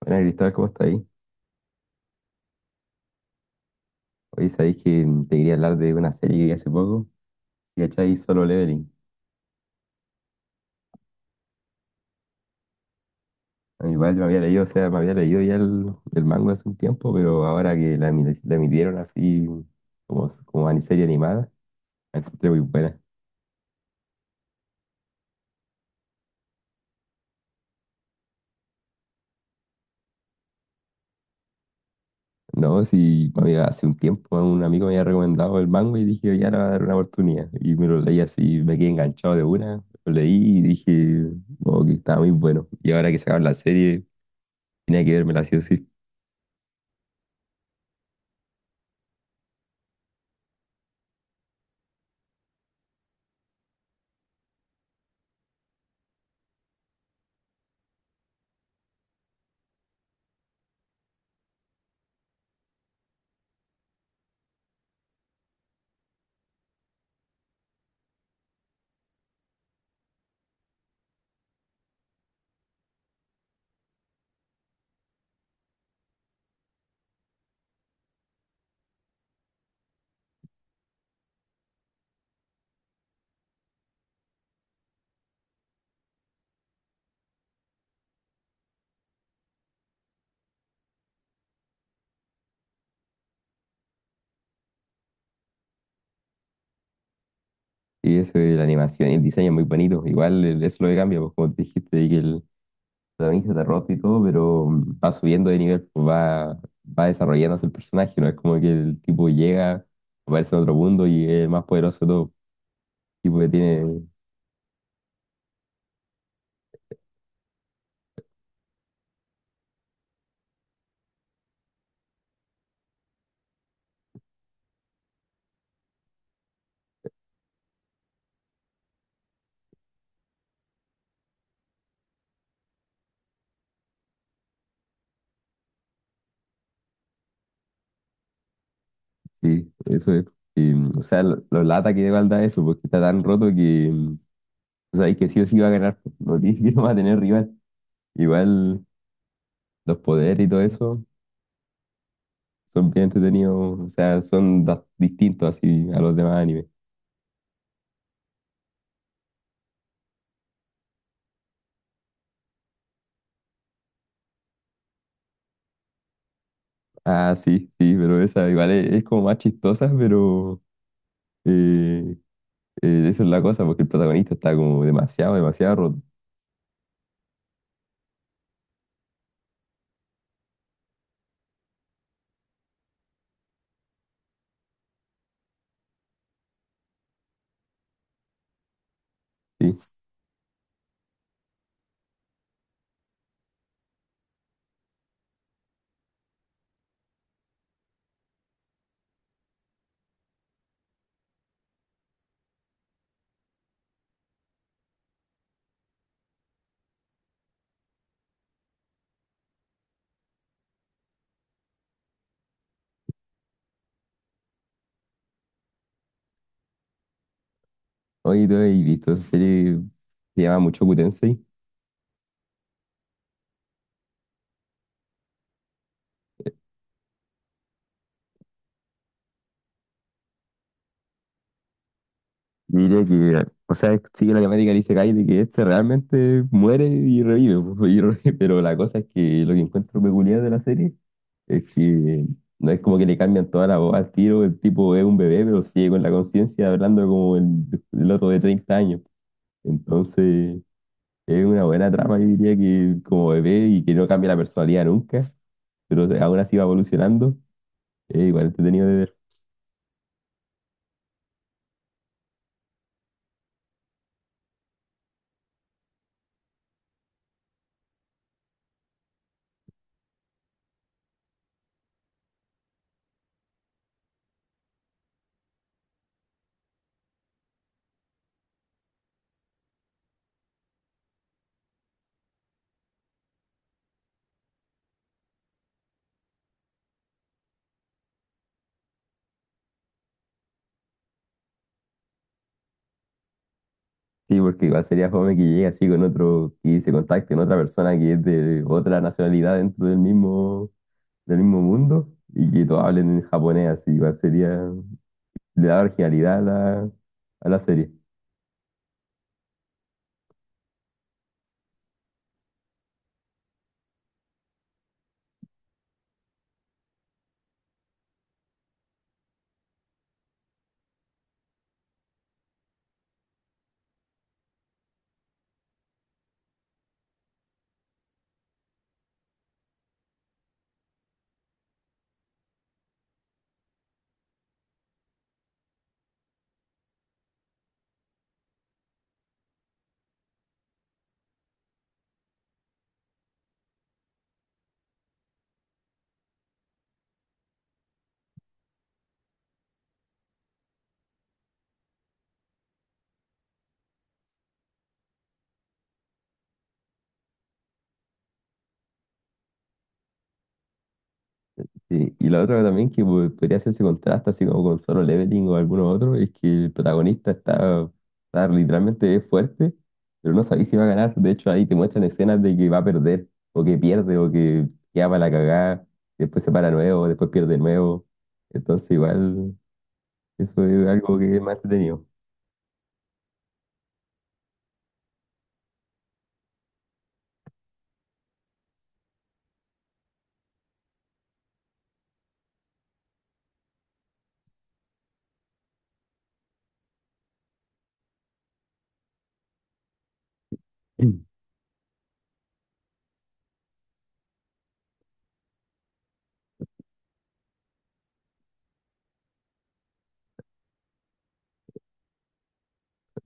Bueno, Cristóbal, ¿cómo está ahí? Hoy sabéis que te quería hablar de una serie que vi hace poco, que ¿cachai? Solo Leveling. A mí igual yo me había leído, o sea, me había leído ya el manga hace un tiempo, pero ahora que la emitieron así como serie animada, la encontré muy buena. No, sí, hace un tiempo un amigo me había recomendado el manga y dije, ya le voy a dar una oportunidad. Y me lo leí así, me quedé enganchado de una, lo leí y dije, oh, que estaba muy bueno. Y ahora que sacaron la serie, tenía que vérmela sí o sí. Y eso es la animación y el diseño es muy bonito. Igual eso es lo que cambia, pues como te dijiste, de que el protagonista está roto y todo, pero va subiendo de nivel, pues va desarrollándose el personaje, ¿no? Es como que el tipo llega, aparece en otro mundo y es el más poderoso de todo. Tipo que tiene, sí, eso es. Y, o sea, lo lata que igual da eso, porque está tan roto que, o sea, que sí o sí va a ganar, pues, no tiene que no va a tener rival. Igual los poderes y todo eso son bien entretenidos, o sea, son distintos así a los demás animes. Ah, sí, sí, pero esa igual es como más chistosa, pero eh, eso es la cosa, porque el protagonista está como demasiado, demasiado roto. Sí. Oye, ¿tú has visto esa serie que se llama mucho Tensei? Diría que, o sea, sigue la temática del Isekai de que este realmente muere y revive, pues, pero la cosa es que lo que encuentro peculiar de la serie es que no es como que le cambian toda la voz al tiro, el tipo es un bebé, pero sigue con la conciencia hablando como el otro de 30 años. Entonces... Es una buena trama, yo diría que como bebé y que no cambia la personalidad nunca, pero aún así va evolucionando, es igual entretenido de ver. Sí, porque igual sería joven que llegue así con otro, que se contacte con otra persona que es de otra nacionalidad dentro del mismo mundo y que todos hablen en japonés, así igual sería, le da originalidad a la, a la serie. Sí, y, la otra también que podría hacerse contraste así como con Solo Leveling o alguno otro es que el protagonista está, está literalmente fuerte, pero no sabéis si va a ganar. De hecho, ahí te muestran escenas de que va a perder, o que pierde, o que queda para la cagada, después se para nuevo, después pierde nuevo. Entonces, igual, eso es algo que es más entretenido.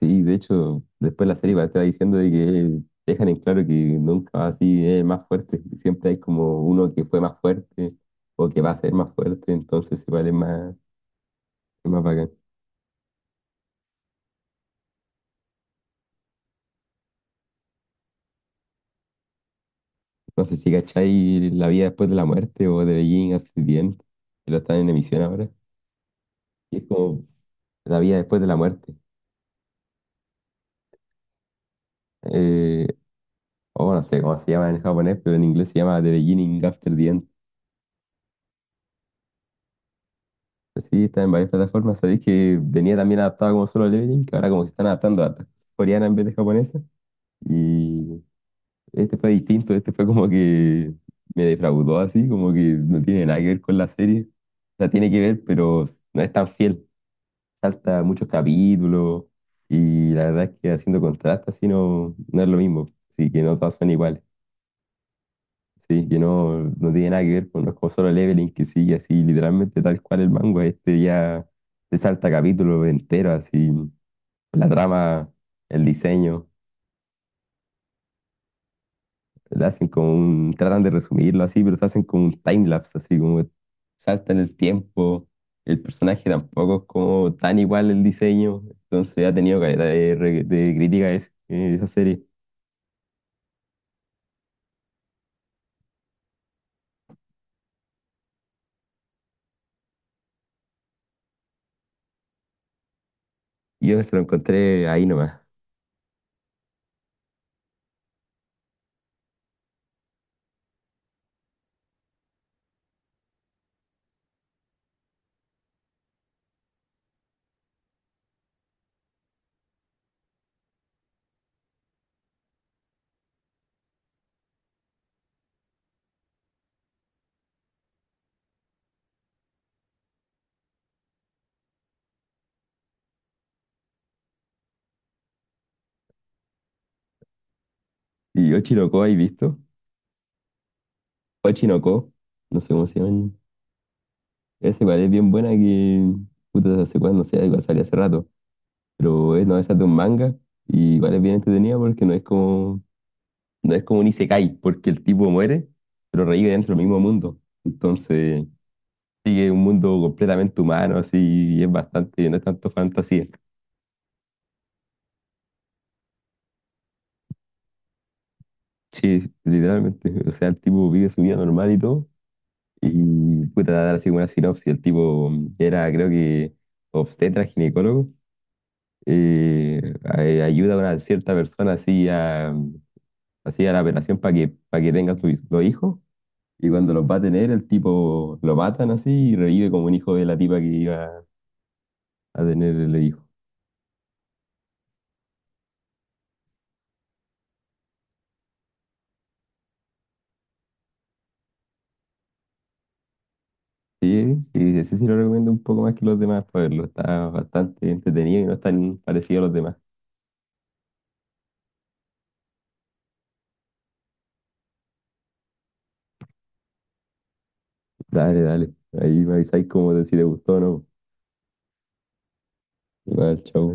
Sí, de hecho, después la serie va te estar diciendo de que dejan en claro que nunca va así más fuerte. Siempre hay como uno que fue más fuerte o que va a ser más fuerte, entonces igual es más bacán. No sé si cachai La vida después de la muerte o de Beijing hace bien, que lo están en emisión ahora. Y es como La vida después de la muerte. Eh, o no sé cómo se llama en japonés, pero en inglés se llama The Beginning After the End. Sí, está en varias plataformas. Sabéis que venía también adaptado como Solo Leveling, que ahora como que se están adaptando a coreana en vez de japonesa. Y este fue distinto, este fue como que me defraudó así, como que no tiene nada que ver con la serie. O sea, tiene que ver, pero no es tan fiel. Salta muchos capítulos y la verdad es que haciendo contraste así no, no es lo mismo. Así que no todas son iguales. Sí, que no, no tiene nada que ver con los como Solo Leveling que sigue así, literalmente tal cual el manga. Este ya se salta capítulo entero, así, la trama, el diseño, le hacen como un, tratan de resumirlo así, pero se hacen como un timelapse, así como saltan el tiempo. El personaje tampoco es como tan igual el diseño, entonces ha tenido caleta de, de crítica esa serie. Y yo se lo encontré ahí nomás. ¿Y Ochino Ko, has visto? Ochino Ko, no sé cómo se llama. Esa igual es bien buena que, puta, no sé cuándo, sea sé, igual salió hace rato, pero es, no, esa es de un manga y igual es bien entretenida porque no es como, no es como un isekai, porque el tipo muere, pero revive dentro del mismo mundo. Entonces, sigue un mundo completamente humano, así, y es bastante, no es tanto fantasía. Sí, literalmente, o sea, el tipo vive su vida normal y todo, y puta, dar así como una sinopsis, el tipo era, creo que, obstetra, ginecólogo ayuda a una cierta persona así así a la operación para que tenga sus 2 hijos. Y cuando los va a tener, el tipo lo matan así y revive como un hijo de la tipa que iba a tener el hijo. Sí, sí, ese sí lo recomiendo un poco más que los demás para verlo. Está bastante entretenido y no es tan parecido a los demás. Dale, dale. Ahí me avisáis como de si te gustó o no. Igual, chau.